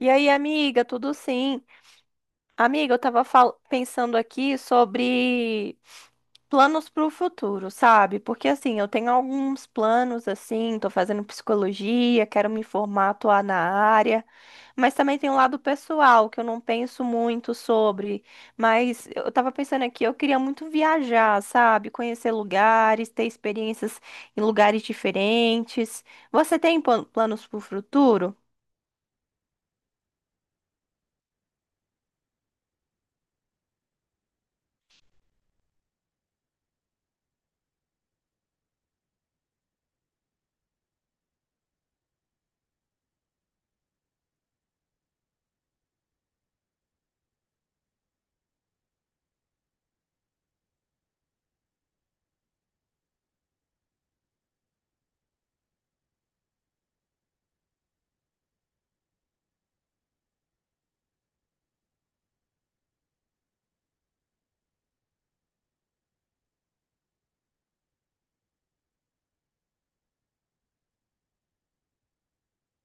E aí, amiga, tudo sim? Amiga, eu tava pensando aqui sobre planos para o futuro, sabe? Porque assim, eu tenho alguns planos assim, tô fazendo psicologia, quero me formar, atuar na área, mas também tem um lado pessoal que eu não penso muito sobre, mas eu tava pensando aqui, eu queria muito viajar, sabe? Conhecer lugares, ter experiências em lugares diferentes. Você tem planos para o futuro?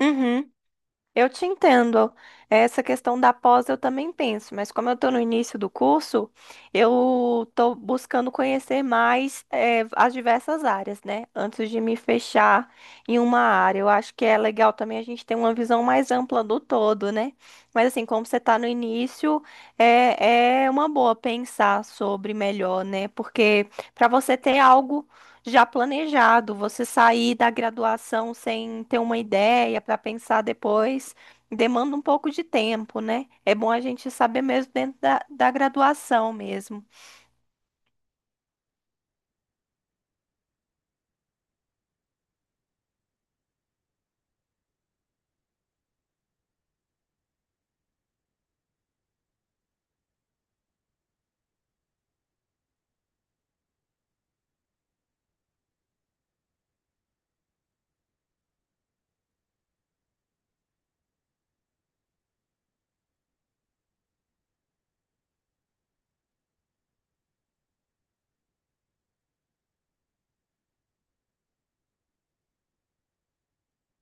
Uhum. Eu te entendo. Essa questão da pós eu também penso, mas como eu estou no início do curso, eu estou buscando conhecer mais as diversas áreas, né? Antes de me fechar em uma área. Eu acho que é legal também a gente ter uma visão mais ampla do todo, né? Mas assim, como você está no início, é uma boa pensar sobre melhor, né? Porque para você ter algo já planejado, você sair da graduação sem ter uma ideia para pensar depois, demanda um pouco de tempo, né? É bom a gente saber mesmo dentro da graduação mesmo.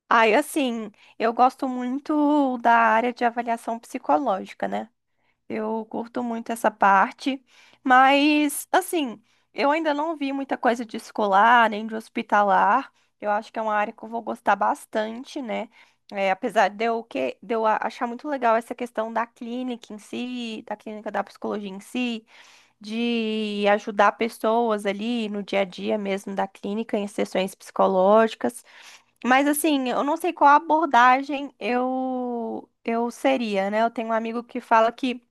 Aí, assim, eu gosto muito da área de avaliação psicológica, né? Eu curto muito essa parte, mas assim, eu ainda não vi muita coisa de escolar, nem de hospitalar. Eu acho que é uma área que eu vou gostar bastante, né? É, apesar de eu achar muito legal essa questão da clínica em si, da clínica da psicologia em si, de ajudar pessoas ali no dia a dia mesmo da clínica, em sessões psicológicas. Mas assim, eu não sei qual abordagem eu seria, né? Eu tenho um amigo que fala que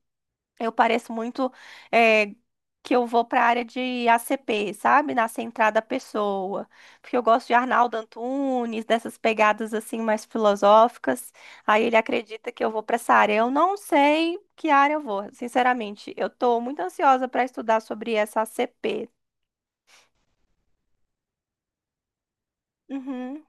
eu pareço muito eh, que eu vou para a área de ACP, sabe? Na centrada da pessoa. Porque eu gosto de Arnaldo Antunes, dessas pegadas assim mais filosóficas. Aí ele acredita que eu vou para essa área. Eu não sei que área eu vou, sinceramente. Eu tô muito ansiosa para estudar sobre essa ACP. Uhum.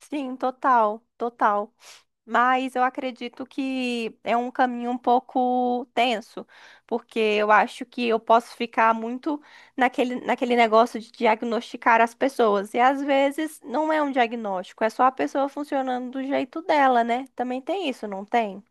Sim, total, total. Mas eu acredito que é um caminho um pouco tenso, porque eu acho que eu posso ficar muito naquele negócio de diagnosticar as pessoas. E às vezes não é um diagnóstico, é só a pessoa funcionando do jeito dela, né? Também tem isso, não tem?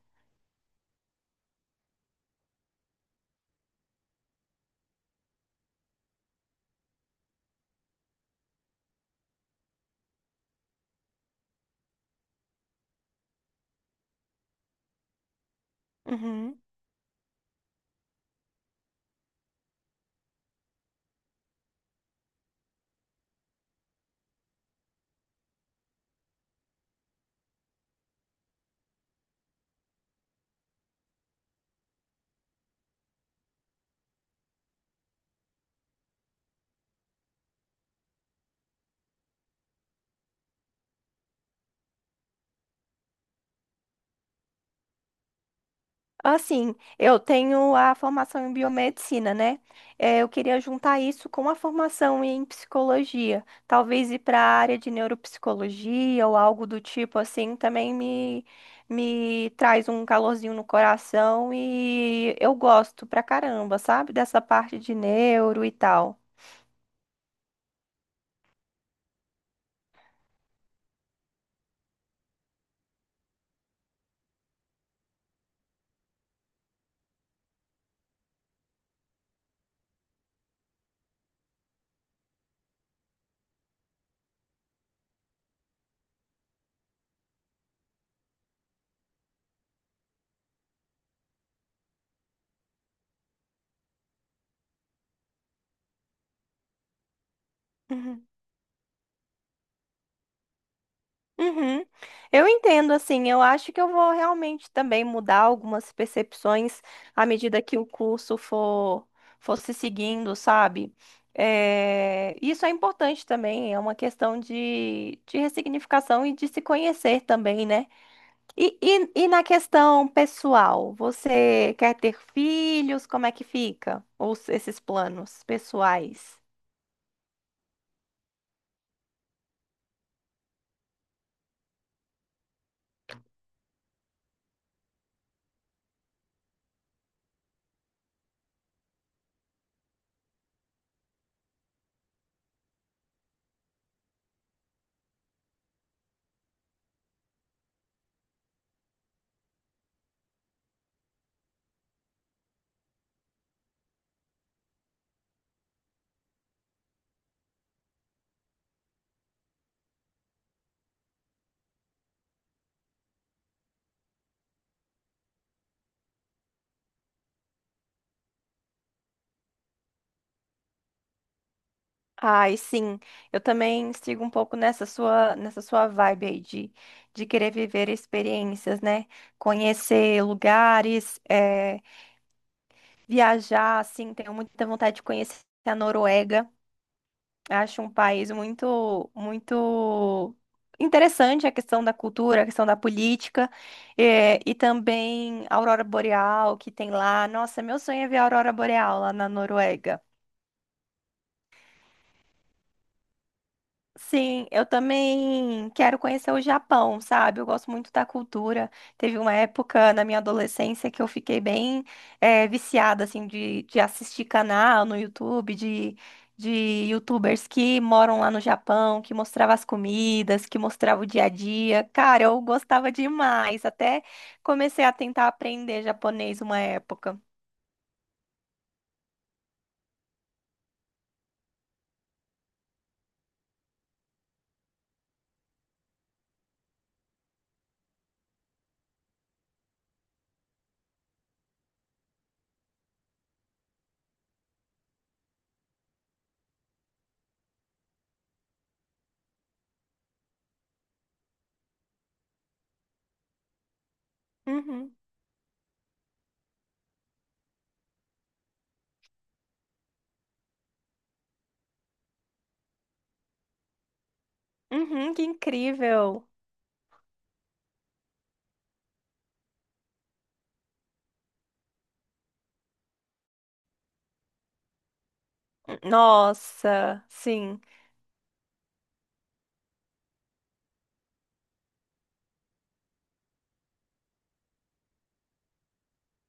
Uhum. Assim, eu tenho a formação em biomedicina, né? Eh, eu queria juntar isso com a formação em psicologia. Talvez ir para a área de neuropsicologia ou algo do tipo assim também me traz um calorzinho no coração e eu gosto pra caramba, sabe? Dessa parte de neuro e tal. Uhum. Eu entendo, assim, eu acho que eu vou realmente também mudar algumas percepções à medida que o curso for se seguindo, sabe? É, isso é importante também, é uma questão de ressignificação e de se conhecer também, né? E na questão pessoal, você quer ter filhos? Como é que fica? Ou esses planos pessoais? Ai, sim. Eu também sigo um pouco nessa sua vibe aí de querer viver experiências, né? Conhecer lugares, viajar, assim. Tenho muita vontade de conhecer a Noruega. Acho um país muito, muito interessante a questão da cultura, a questão da política, e também a Aurora Boreal que tem lá. Nossa, meu sonho é ver a Aurora Boreal lá na Noruega. Sim, eu também quero conhecer o Japão, sabe? Eu gosto muito da cultura. Teve uma época na minha adolescência que eu fiquei bem viciada, assim, de assistir canal no YouTube, de YouTubers que moram lá no Japão, que mostrava as comidas, que mostrava o dia a dia. Cara, eu gostava demais. Até comecei a tentar aprender japonês uma época. Uhum, uhum, que incrível. Nossa, sim.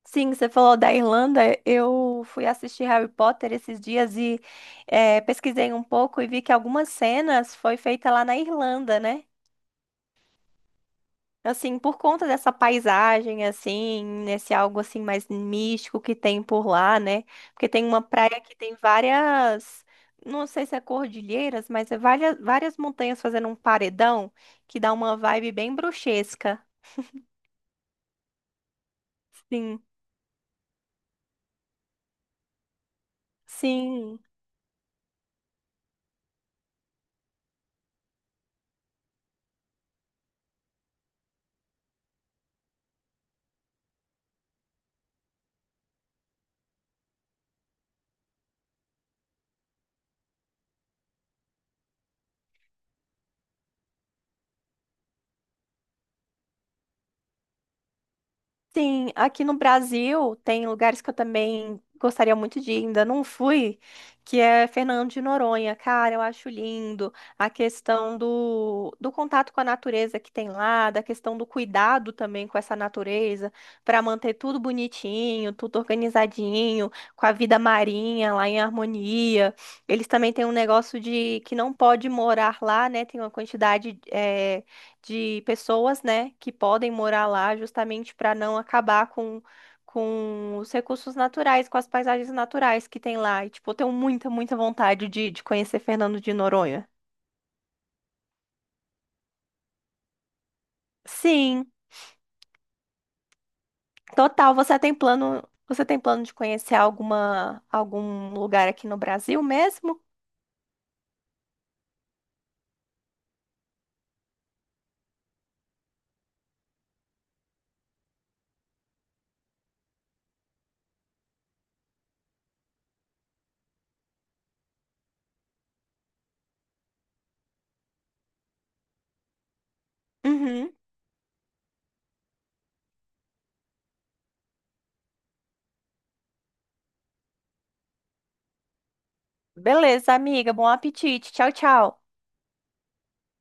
Sim, você falou da Irlanda. Eu fui assistir Harry Potter esses dias e pesquisei um pouco e vi que algumas cenas foi feita lá na Irlanda, né? Assim, por conta dessa paisagem, assim, nesse algo assim mais místico que tem por lá, né? Porque tem uma praia que tem várias, não sei se é cordilheiras, mas é várias, várias montanhas fazendo um paredão que dá uma vibe bem bruxesca. Sim, sim. Sim, aqui no Brasil tem lugares que eu também gostaria muito de ir, ainda não fui, que é Fernando de Noronha. Cara, eu acho lindo a questão do contato com a natureza que tem lá, da questão do cuidado também com essa natureza, para manter tudo bonitinho, tudo organizadinho, com a vida marinha lá em harmonia. Eles também têm um negócio de que não pode morar lá, né? Tem uma quantidade de pessoas, né, que podem morar lá justamente para não acabar com os recursos naturais, com as paisagens naturais que tem lá. E, tipo, eu tenho muita, muita vontade de conhecer Fernando de Noronha. Sim, total. Você tem plano de conhecer alguma, algum lugar aqui no Brasil mesmo? Uhum. Beleza, amiga. Bom apetite. Tchau, tchau.